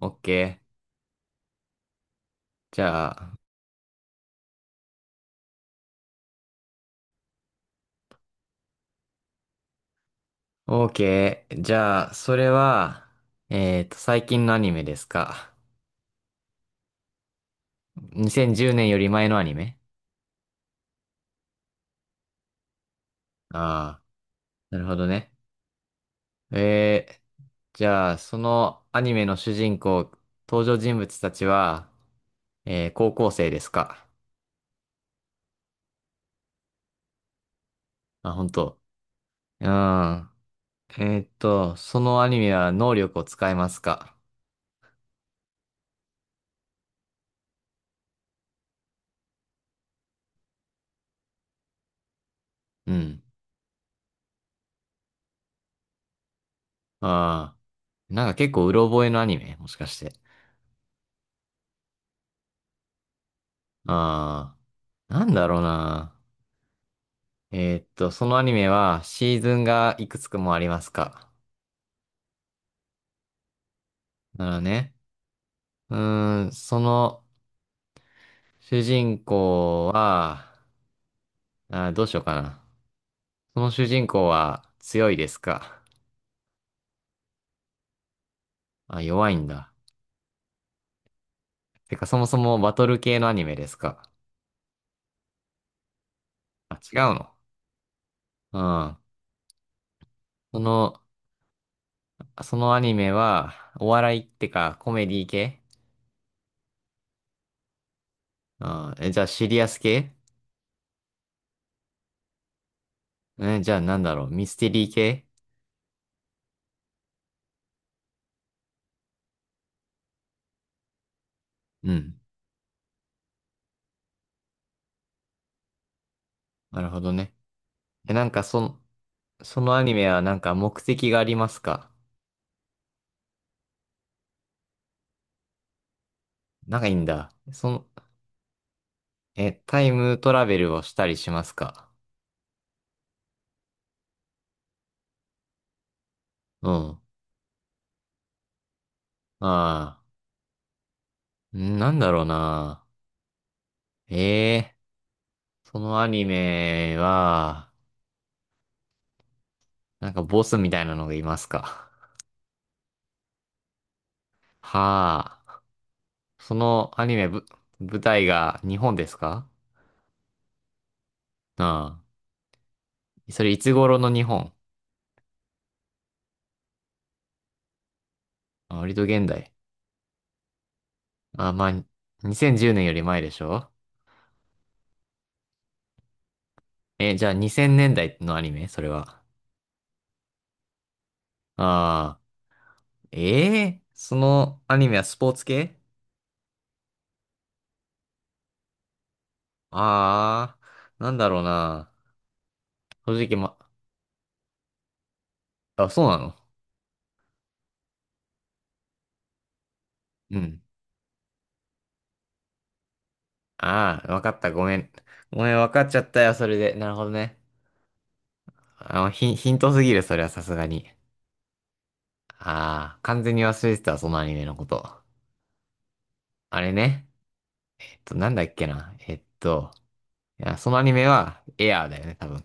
オッケー。じゃあ、オ k ケー。じゃあ、それは、最近のアニメですか。2010年より前のアニメ？ああー、なるほどね。えー、じゃあ、そのアニメの主人公、登場人物たちは、高校生ですか。あ、本当。うん。そのアニメは能力を使いますか。うん。ああ、なんか結構うろ覚えのアニメもしかして。ああ、なんだろうな。そのアニメはシーズンがいくつくもありますか？ならね。うーん、その主人公は、どうしようかな。その主人公は強いですか？あ、弱いんだ。てか、そもそもバトル系のアニメですか？あ、違うの。うん。その、そのアニメは、お笑いってか、コメディ系？うん。え、じゃあ、シリアス系？え、じゃあ、なんだろう、ミステリー系？うん。なるほどね。え、なんか、そのアニメはなんか目的がありますか？かいいんだ。タイムトラベルをしたりしますか？うん。ああ、なんだろうな。ええそのアニメは、なんかボスみたいなのがいますか？はあ、そのアニメぶ、舞台が日本ですか？ああ、それいつ頃の日本？あ、割と現代。あ、まあ、2010年より前でしょ？え、じゃあ2000年代のアニメそれは。ああ。そのアニメはスポーツ系？ああー、なんだろうな。正直ま、あ、そうなの？うん。ああ、わかった。ごめん。ごめん、わかっちゃったよ、それで。なるほどね。ヒントすぎる、それはさすがに。ああ、完全に忘れてたそのアニメのこと。あれね。なんだっけな。いや、そのアニメは、エアーだよね、多分。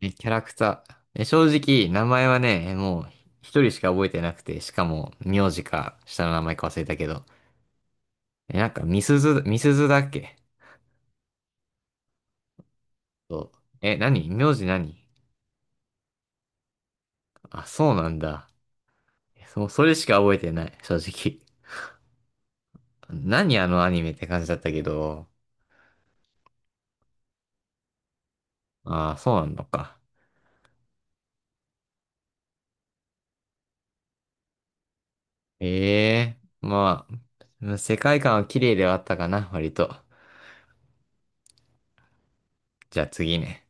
え、キャラクター。え、正直、名前はね、もう、一人しか覚えてなくて、しかも、名字か、下の名前か忘れたけど。え、なんか、みすずだっけ？そう。え、何？名字何？あ、そうなんだ。えそう、それしか覚えてない、正直。何？あのアニメって感じだったけど。ああ、そうなのか。まあ、世界観は綺麗ではあったかな、割と。じゃあ次ね。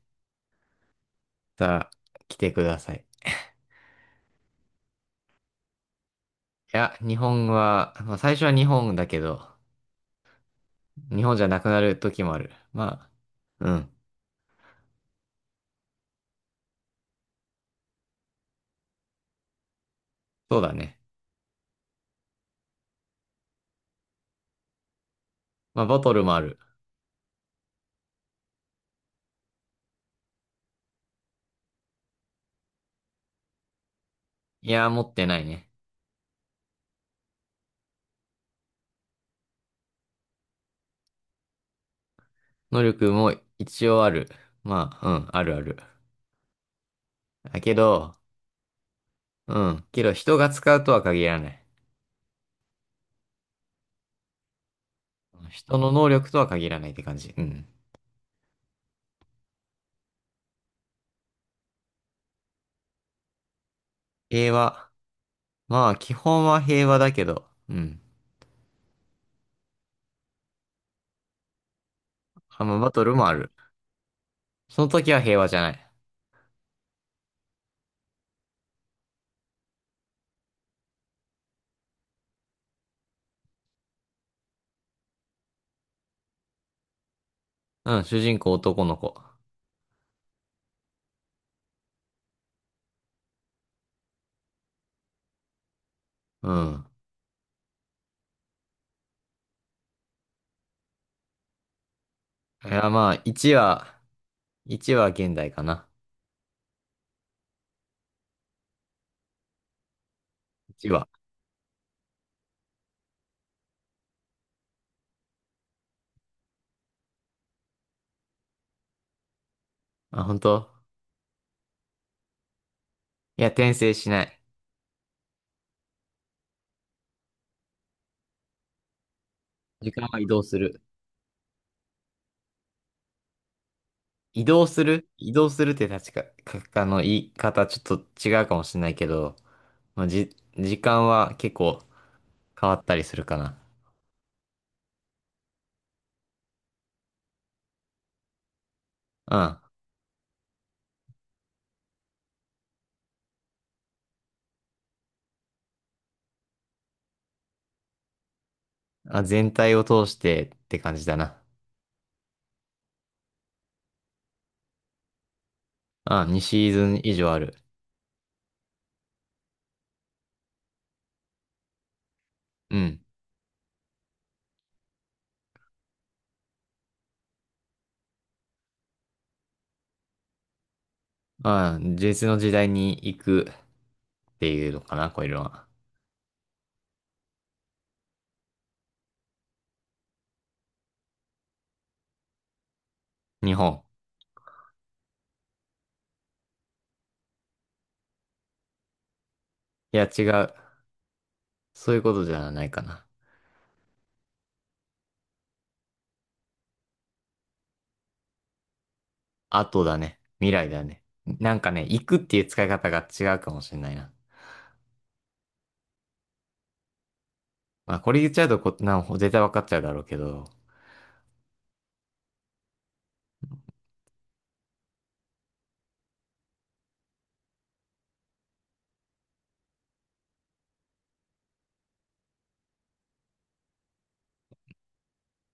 さあ、来てください。いや、日本は、まあ最初は日本だけど、日本じゃなくなる時もある。まあ、うん、そうだね。まあ、ボトルもある。いや、持ってないね。能力も一応ある。まあ、うん、あるある。だけど、うん、けど人が使うとは限らない。人の能力とは限らないって感じ。うん。平和。まあ、基本は平和だけど、うん。あ、まあ、バトルもある。その時は平和じゃない。うん、主人公男の子。うん。いや、まあ、1は、1は現代かな。1は。あ、本当？いや、転生しない。時間は移動する。移動する移動するって確か、言い方ちょっと違うかもしれないけど、まあ、時間は結構変わったりするかな。うん。あ、全体を通してって感じだな。あ、2シーズン以上ある。うん。あ、実の時代に行くっていうのかな、こういうのは。日本。いや、違う。そういうことじゃないかな。後だね。未来だね。なんかね、行くっていう使い方が違うかもしれないな。まあ、これ言っちゃうとこ、な、絶対わかっちゃうだろうけど。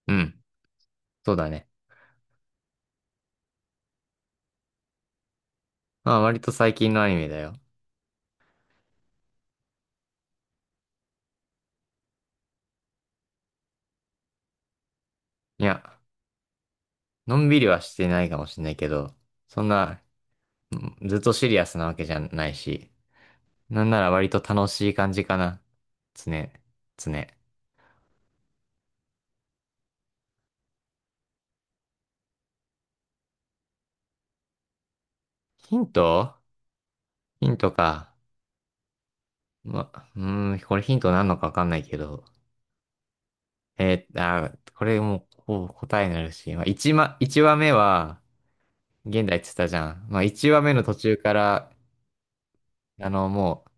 うん。そうだね。まあ、割と最近のアニメだよ。いや、のんびりはしてないかもしれないけど、そんな、ずっとシリアスなわけじゃないし、なんなら割と楽しい感じかな。つね、つね。ヒント？ヒントか。ま、うーん、これヒントなんのかわかんないけど。これもう、こう答えになるし、まあ、1ま、一話目は、現代って言ったじゃん。まあ、1話目の途中から、もう、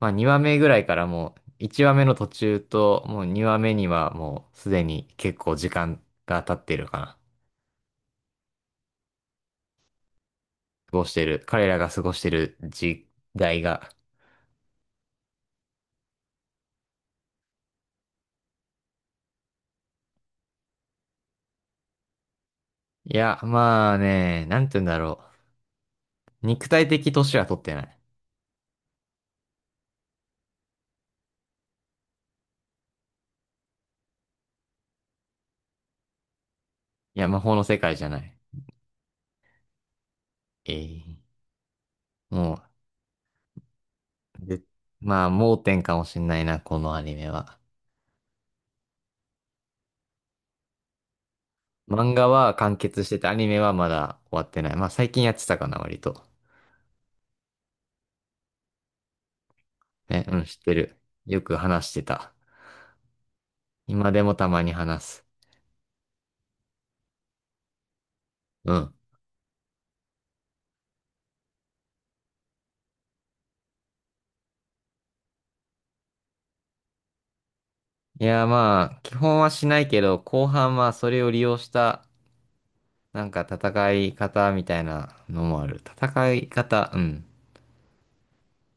まあ2話目ぐらいからもう1話目の途中ともう2話目にはもうすでに結構時間が経ってるかな。過ごしてる。彼らが過ごしてる時代が。いや、まあね、なんて言うんだろう。肉体的年は取ってない。いや、魔法の世界じゃない。ええもう、でまあ盲点かもしんないな、このアニメは。漫画は完結してて、アニメはまだ終わってない。まあ最近やってたかな、割と。ね、うん、知ってる。よく話してた。今でもたまに話す。うん。いや、まあ、基本はしないけど、後半はそれを利用した、なんか戦い方みたいなのもある。戦い方、うん。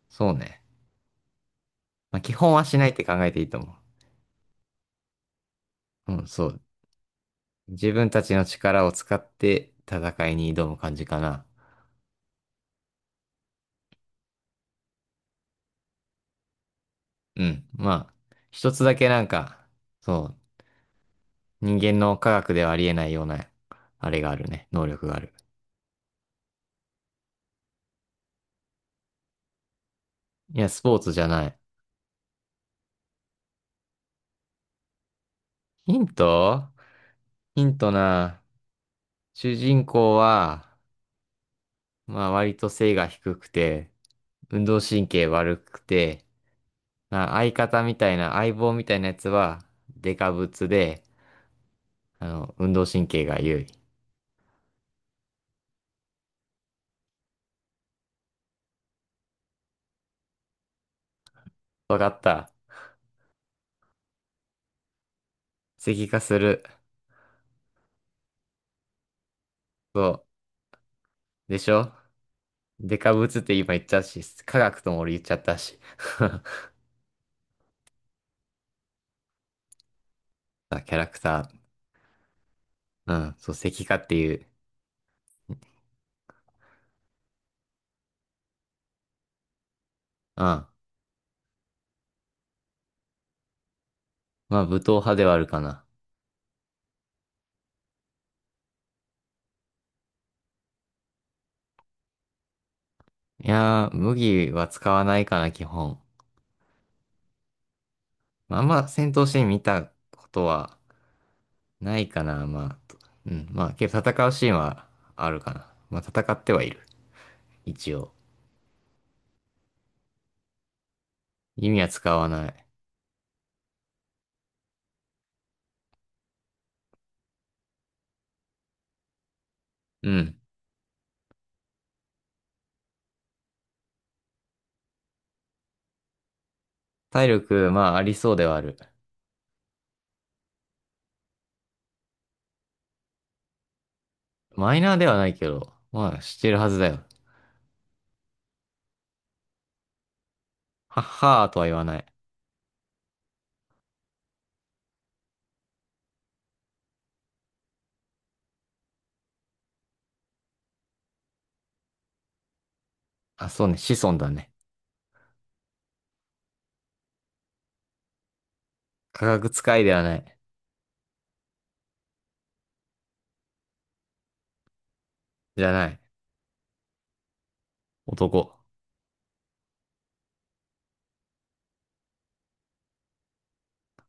そうね。まあ、基本はしないって考えていいと思う。うん、そう。自分たちの力を使って戦いに挑む感じかな。うん。まあ、一つだけなんか、そう、人間の科学ではありえないような、あれがあるね。能力がある。いや、スポーツじゃない。ヒント？ヒントな。主人公は、まあ割と背が低くて、運動神経悪くて、まあ相方みたいな、相棒みたいなやつは、デカブツで、運動神経が優位。わかった。石化する。そう。でしょ？デカブツって今言っちゃったし、科学とも俺言っちゃったし。あ、キャラクター。うん、そう、石化っていう。うん。まあ、武闘派ではあるかな。いやー、麦は使わないかな、基本。まああんま戦闘シーン見たことはないかな、まあ。うん、まあ、けど戦うシーンはあるかな。まあ、戦ってはいる。一応。弓は使わない。うん。体力、まあ、ありそうではある。マイナーではないけど、まあ、してるはずだよ。はっはーとは言わない。あ、そうね、子孫だね。科学使いではない。じゃない。男。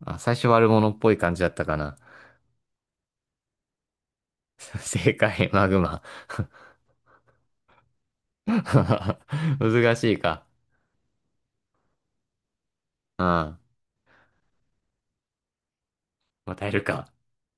あ、最初悪者っぽい感じだったかな。正解、マグマ。難しいか。うん。まあ、耐えるか。